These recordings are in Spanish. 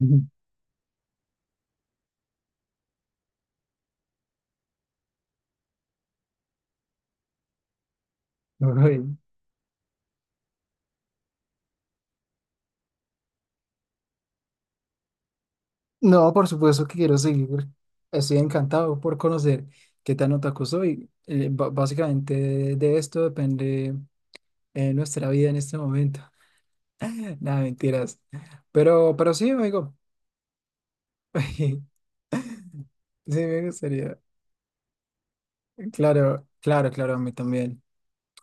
Ujú. Ay, no, por supuesto que quiero seguir. Estoy encantado por conocer qué tan otaku soy. Básicamente de esto depende nuestra vida en este momento. Nada, mentiras. Pero sí, amigo. Sí, me gustaría. Claro, claro, claro, a mí también.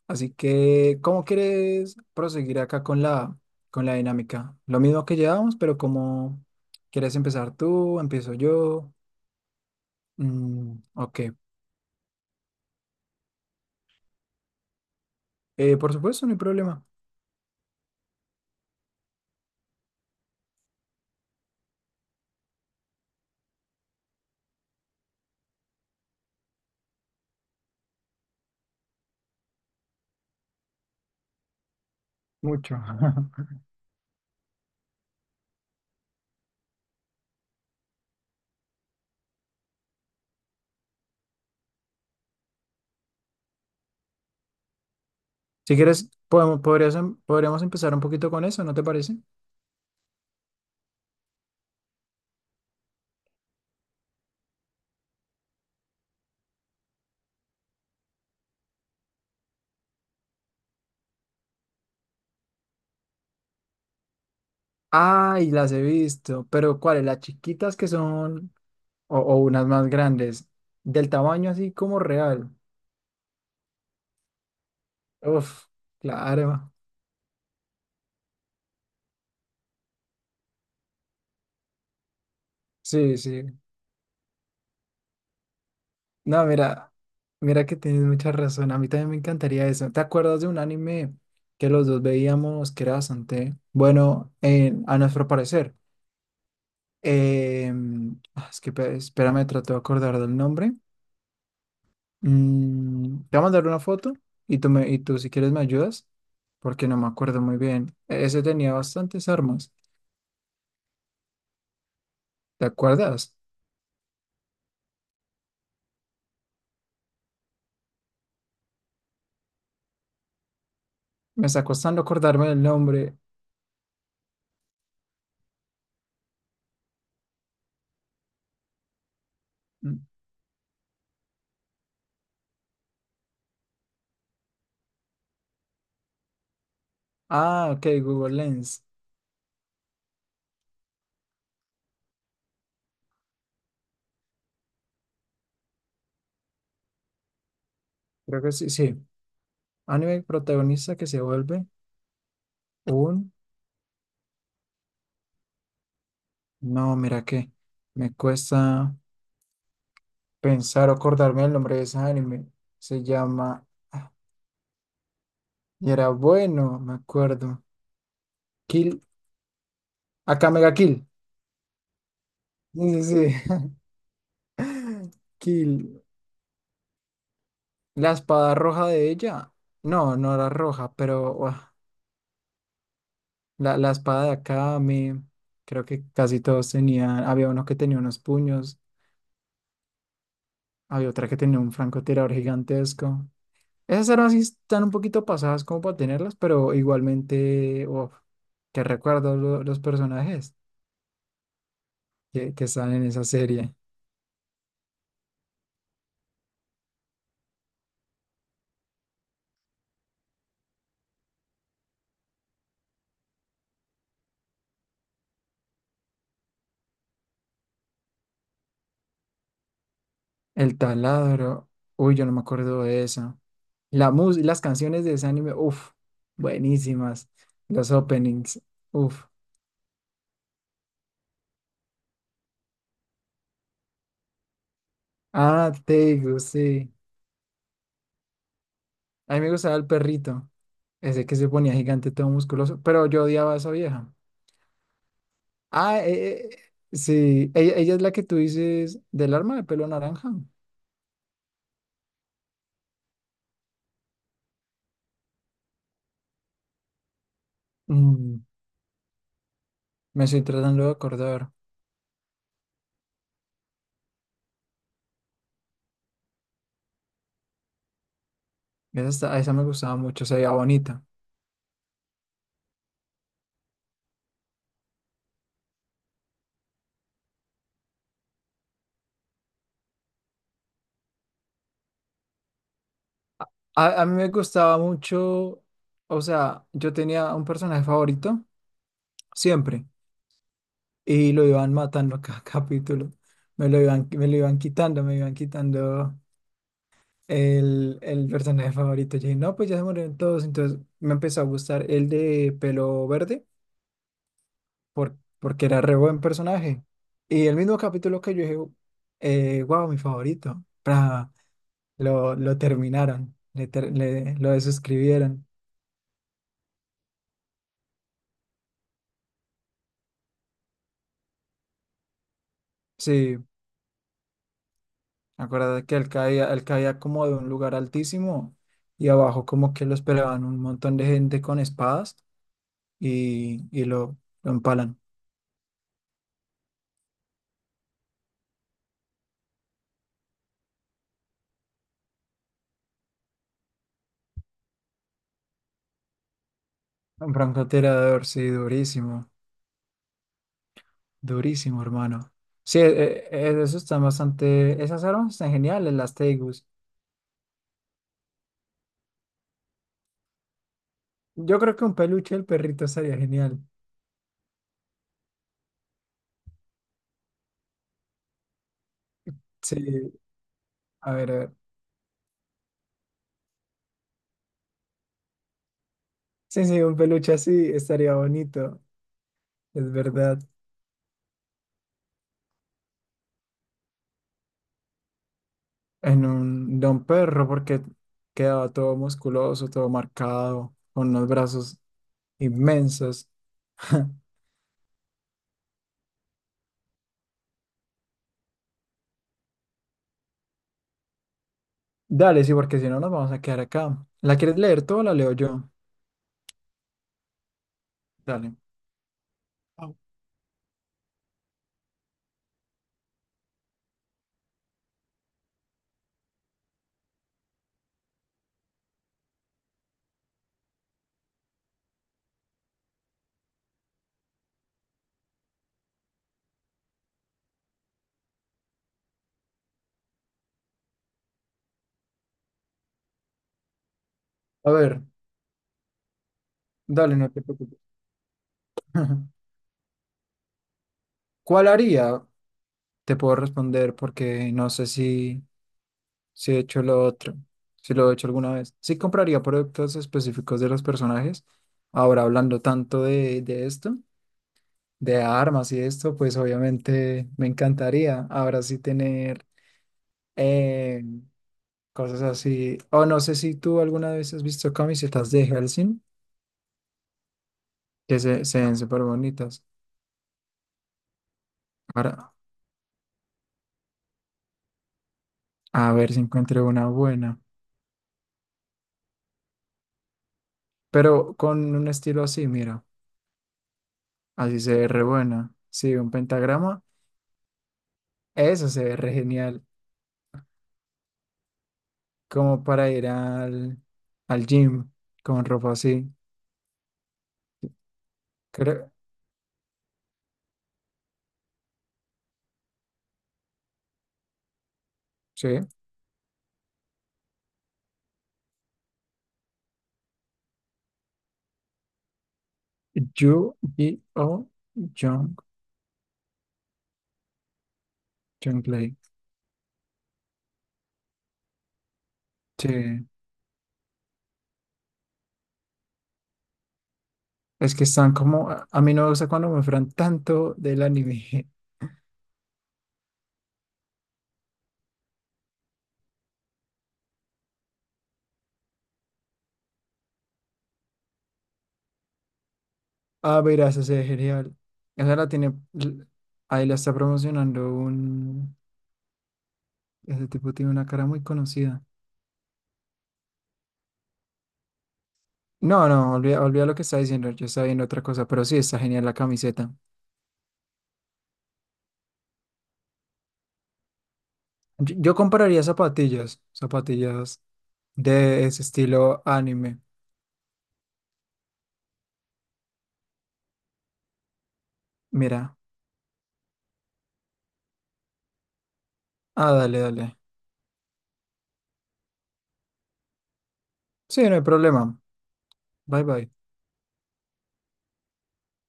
Así que, ¿cómo quieres proseguir acá con con la dinámica? Lo mismo que llevamos, pero cómo quieres empezar tú, empiezo yo. Mm, ok. Por supuesto, no hay problema. Mucho. Si quieres, podemos, podríamos empezar un poquito con eso, ¿no te parece? Ay, las he visto, pero ¿cuáles? Las chiquitas que son, o unas más grandes, del tamaño así como real. Uf, claro. Sí, sí. No, mira, mira que tienes mucha razón. A mí también me encantaría eso. ¿Te acuerdas de un anime que los dos veíamos que era bastante bueno a nuestro parecer? Eh, es que espérame, trato de acordar del nombre. Mm, te voy a mandar una foto y y tú si quieres me ayudas, porque no me acuerdo muy bien. E- Ese tenía bastantes armas, ¿te acuerdas? Me está costando acordarme del nombre. Mm. Ah, ok, Google Lens. Creo que sí, sí. Anime protagonista que se vuelve un... No, mira que me cuesta pensar o acordarme del nombre de ese anime. Se llama... ah, y era bueno, me acuerdo. Kill. Acá Mega Kill. Sí, sí, sí. Kill. La espada roja de ella. No, no era roja, pero uah, la espada de acá, me creo que casi todos tenían. Había uno que tenía unos puños, había otra que tenía un francotirador gigantesco. Esas armas sí están un poquito pasadas como para tenerlas, pero igualmente, uff, que recuerdo los personajes que están en esa serie. El taladro. Uy, yo no me acuerdo de esa. Las canciones de ese anime, uff, buenísimas. Los openings, uff. Ah, Teigu, sí. A mí me gustaba el perrito, ese que se ponía gigante, todo musculoso, pero yo odiaba a esa vieja. Ah, eh, eh, sí, ella es la que tú dices del arma de pelo naranja. Mm, me estoy tratando de acordar. Esa, esa me gustaba mucho, se veía bonita. A mí me gustaba mucho, o sea, yo tenía un personaje favorito siempre y lo iban matando cada capítulo. Me lo iban quitando, me iban quitando el personaje favorito. Yo dije, no, pues ya se murieron todos. Entonces me empezó a gustar el de pelo verde porque era re buen personaje. Y el mismo capítulo que yo dije, wow, mi favorito. Pra, lo terminaron, lo desuscribieron. Sí. Acuérdate que él caía como de un lugar altísimo y abajo como que lo esperaban un montón de gente con espadas y lo empalan. Un francotirador, sí, durísimo, durísimo, hermano. Sí, eso está bastante, esas armas están geniales, las Tegus. Yo creo que un peluche del perrito estaría genial. Sí, a ver, a ver. Sí, sí, un peluche así estaría bonito, es verdad. En un, de un perro porque quedaba todo musculoso, todo marcado, con unos brazos inmensos. Dale, sí, porque si no nos vamos a quedar acá. ¿La quieres leer tú o la leo yo? Dale. Au. A ver, dale, no te preocupes. ¿Cuál haría? Te puedo responder porque no sé si he hecho lo otro, si lo he hecho alguna vez. Sí compraría productos específicos de los personajes. Ahora hablando tanto de esto, de armas y esto, pues obviamente me encantaría ahora sí tener eh, cosas así. O no sé si tú alguna vez has visto camisetas de Helsing, que se ven súper bonitas. Ahora, a ver si encuentro una buena. Pero con un estilo así, mira, así se ve re buena. Sí, un pentagrama, eso se ve re genial. Como para ir al, al gym con ropa así. Creo, sí. Yu-Gi-Oh! Jung, Junglei. Sí, es que están como, a mí no me gusta cuando me fran tanto del anime. Ah, verás, ese es genial. Esa la tiene, l- ahí la está promocionando un, ese tipo tiene una cara muy conocida. No, no, olvida, olvida lo que está diciendo, yo estaba viendo otra cosa, pero sí, está genial la camiseta. Yo compraría zapatillas, zapatillas de ese estilo anime. Mira, ah, dale, dale. Sí, no hay problema. Bye, bye.